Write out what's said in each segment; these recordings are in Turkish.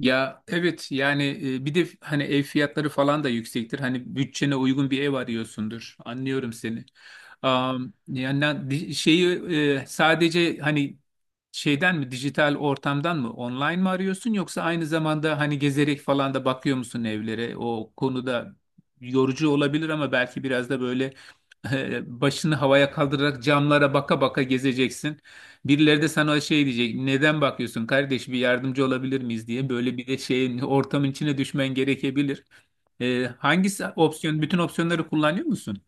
Ya evet yani bir de hani ev fiyatları falan da yüksektir. Hani bütçene uygun bir ev arıyorsundur. Anlıyorum seni. Am, yani na- di- şeyi e, sadece hani şeyden mi, dijital ortamdan mı, online mı arıyorsun yoksa aynı zamanda hani gezerek falan da bakıyor musun evlere? O konuda yorucu olabilir ama belki biraz da böyle başını havaya kaldırarak camlara baka baka gezeceksin. Birileri de sana şey diyecek, neden bakıyorsun kardeş, bir yardımcı olabilir miyiz diye, böyle bir de şeyin ortamın içine düşmen gerekebilir. Hangisi opsiyon, bütün opsiyonları kullanıyor musun?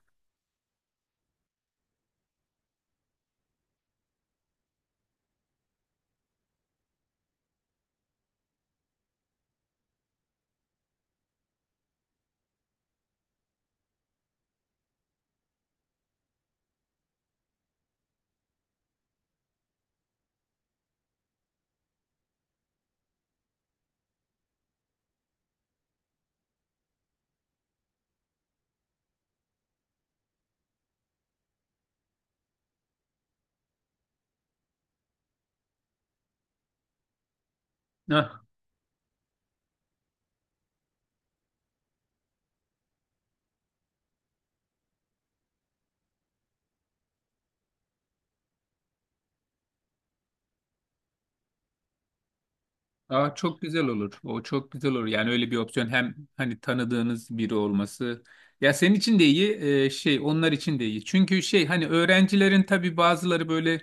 Aa, çok güzel olur. O çok güzel olur. Yani öyle bir opsiyon, hem hani tanıdığınız biri olması. Ya senin için de iyi, onlar için de iyi. Çünkü şey hani öğrencilerin tabii bazıları böyle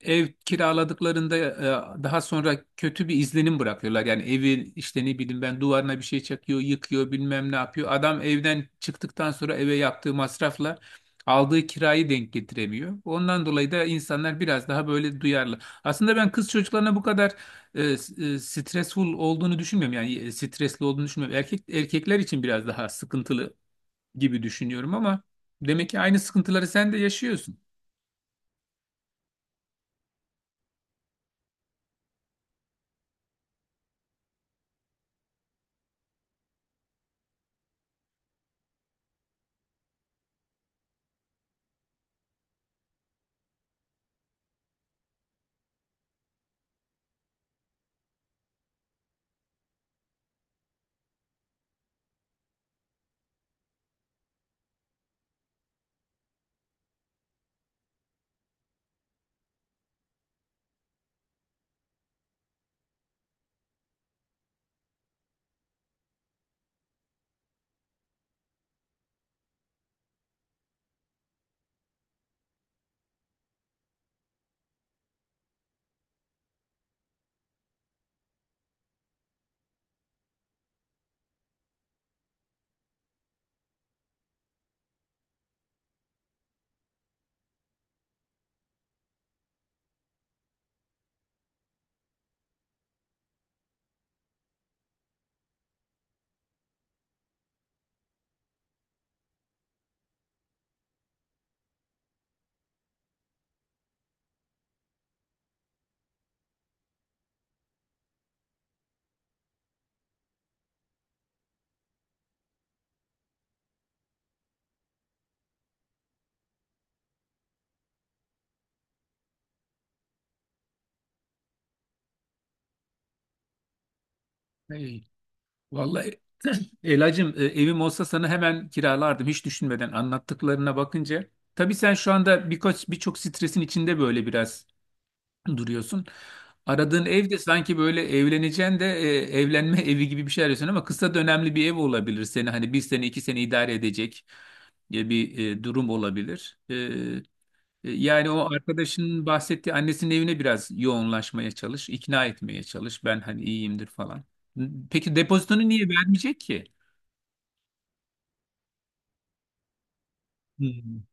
ev kiraladıklarında daha sonra kötü bir izlenim bırakıyorlar. Yani evi işte, ne bileyim ben, duvarına bir şey çakıyor, yıkıyor, bilmem ne yapıyor. Adam evden çıktıktan sonra eve yaptığı masrafla aldığı kirayı denk getiremiyor. Ondan dolayı da insanlar biraz daha böyle duyarlı. Aslında ben kız çocuklarına bu kadar stressful olduğunu düşünmüyorum. Yani stresli olduğunu düşünmüyorum. Erkekler için biraz daha sıkıntılı gibi düşünüyorum ama demek ki aynı sıkıntıları sen de yaşıyorsun. Vallahi Elacığım, evim olsa sana hemen kiralardım hiç düşünmeden, anlattıklarına bakınca. Tabii sen şu anda birçok stresin içinde böyle biraz duruyorsun. Aradığın ev de sanki böyle evleneceksin de evlenme evi gibi bir şey arıyorsun, ama kısa dönemli bir ev olabilir, seni hani bir sene iki sene idare edecek bir durum olabilir. Yani o arkadaşının bahsettiği annesinin evine biraz yoğunlaşmaya çalış, ikna etmeye çalış. Ben hani iyiyimdir falan. Peki depozitonu niye vermeyecek ki? Hmm.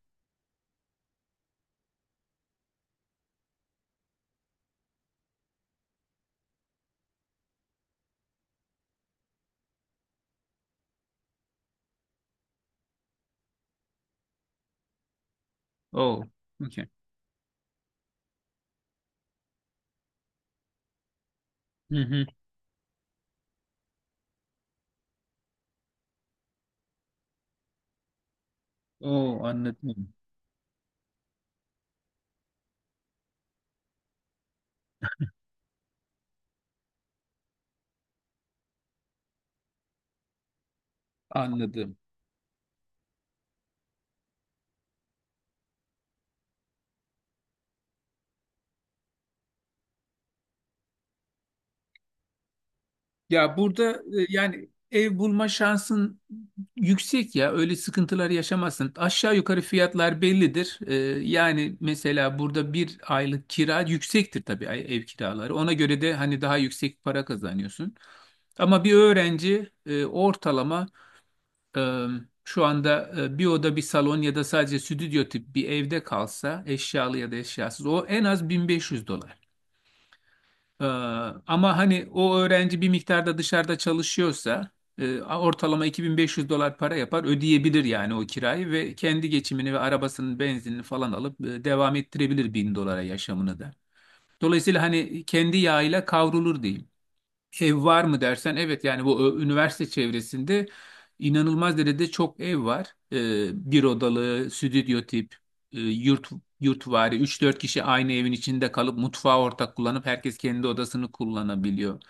Oh, okay. Hı hı. Oh, anladım. Anladım. Ya burada yani ev bulma şansın yüksek ya. Öyle sıkıntılar yaşamazsın. Aşağı yukarı fiyatlar bellidir. Yani mesela burada bir aylık kira yüksektir tabii, ev kiraları. Ona göre de hani daha yüksek para kazanıyorsun. Ama bir öğrenci ortalama e, şu anda bir oda bir salon ya da sadece stüdyo tip bir evde kalsa, eşyalı ya da eşyasız, o en az 1500 dolar. E, Ama hani o öğrenci bir miktarda dışarıda çalışıyorsa ortalama 2500 dolar para yapar, ödeyebilir yani o kirayı ve kendi geçimini ve arabasının benzinini falan alıp devam ettirebilir 1000 dolara yaşamını da. Dolayısıyla hani kendi yağıyla kavrulur diyeyim. Ev var mı dersen, evet yani, bu üniversite çevresinde inanılmaz derecede çok ev var. Bir odalı, stüdyo tip, e, yurt yurtvari üç dört kişi aynı evin içinde kalıp mutfağı ortak kullanıp herkes kendi odasını kullanabiliyor.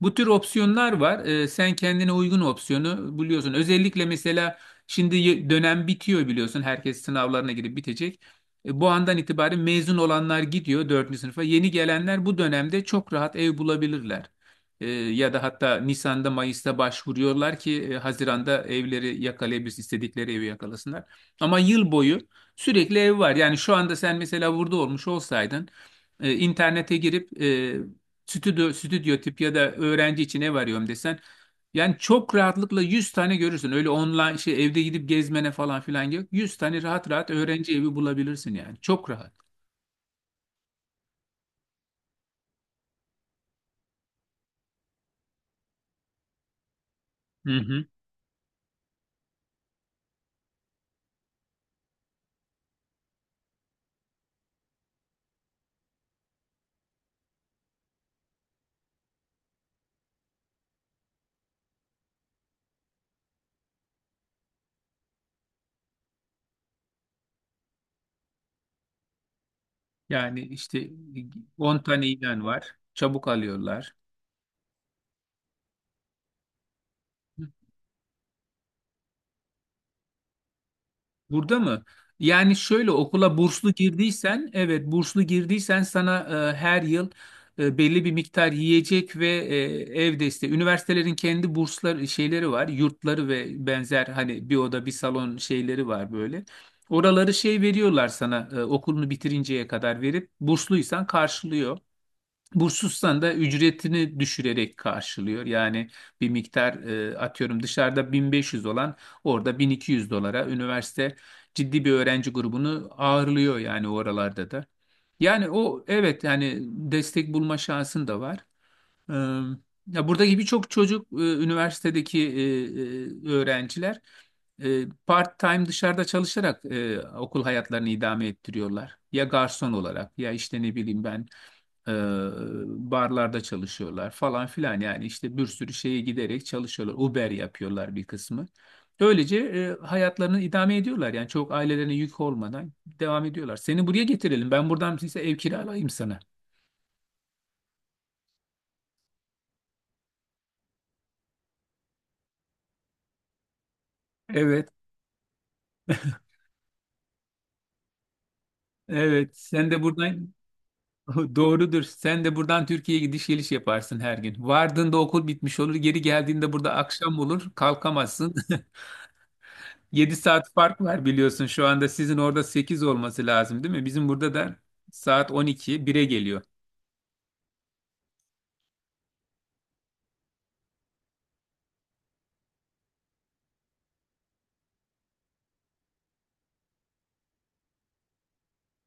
Bu tür opsiyonlar var. Sen kendine uygun opsiyonu buluyorsun. Özellikle mesela şimdi dönem bitiyor biliyorsun. Herkes sınavlarına girip bitecek. Bu andan itibaren mezun olanlar gidiyor 4. sınıfa. Yeni gelenler bu dönemde çok rahat ev bulabilirler. Ya da hatta Nisan'da Mayıs'ta başvuruyorlar ki Haziran'da evleri yakalayabilirsin, istedikleri evi yakalasınlar. Ama yıl boyu sürekli ev var. Yani şu anda sen mesela burada olmuş olsaydın, internete girip stüdyo, stüdyo tip ya da öğrenci için ev arıyorum desen, yani çok rahatlıkla 100 tane görürsün. Öyle online şey evde gidip gezmene falan filan yok. 100 tane rahat rahat öğrenci evi bulabilirsin yani. Çok rahat. Hı hı. Yani işte 10 tane ilan var. Çabuk alıyorlar. Burada mı? Yani şöyle, okula burslu girdiysen, evet burslu girdiysen sana her yıl belli bir miktar yiyecek ve ev desteği. Üniversitelerin kendi bursları şeyleri var, yurtları ve benzer hani bir oda bir salon şeyleri var böyle. Oraları şey veriyorlar sana, okulunu bitirinceye kadar verip bursluysan karşılıyor. Bursus'tan da ücretini düşürerek karşılıyor. Yani bir miktar, atıyorum dışarıda 1500 olan orada 1200 dolara, üniversite ciddi bir öğrenci grubunu ağırlıyor yani oralarda da. Yani o, evet yani destek bulma şansın da var. Ee, Ya buradaki birçok çocuk, üniversitedeki öğrenciler part-time dışarıda çalışarak okul hayatlarını idame ettiriyorlar. Ya garson olarak, ya işte ne bileyim ben e, barlarda çalışıyorlar falan filan, yani işte bir sürü şeye giderek çalışıyorlar. Uber yapıyorlar bir kısmı. Böylece hayatlarını idame ediyorlar yani çok ailelerine yük olmadan devam ediyorlar. Seni buraya getirelim, ben buradan size ev kiralayayım sana. Evet, evet. Sen de buradan… Doğrudur. Sen de buradan Türkiye'ye gidiş geliş yaparsın her gün. Vardığında okul bitmiş olur. Geri geldiğinde burada akşam olur. Kalkamazsın. 7 saat fark var biliyorsun. Şu anda sizin orada sekiz olması lazım değil mi? Bizim burada da saat on iki bire geliyor.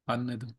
Anladım.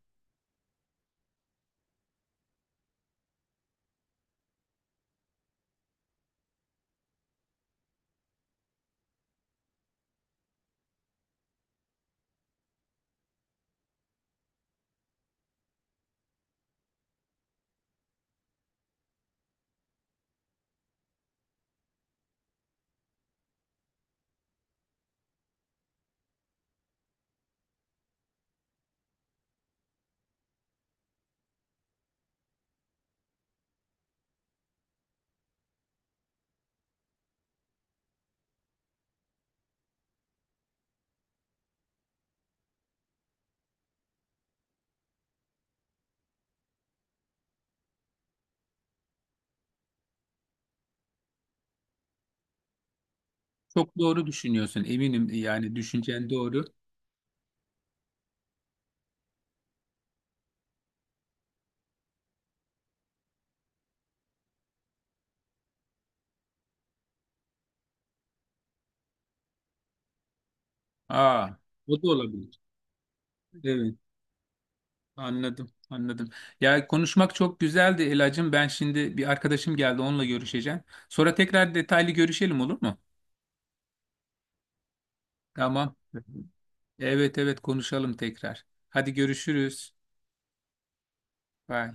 Çok doğru düşünüyorsun. Eminim yani düşüncen doğru. Aa, o da olabilir. Evet. Anladım, anladım. Ya konuşmak çok güzeldi Elacığım. Ben şimdi bir arkadaşım geldi, onunla görüşeceğim. Sonra tekrar detaylı görüşelim, olur mu? Tamam. Evet evet, konuşalım tekrar. Hadi görüşürüz. Bye.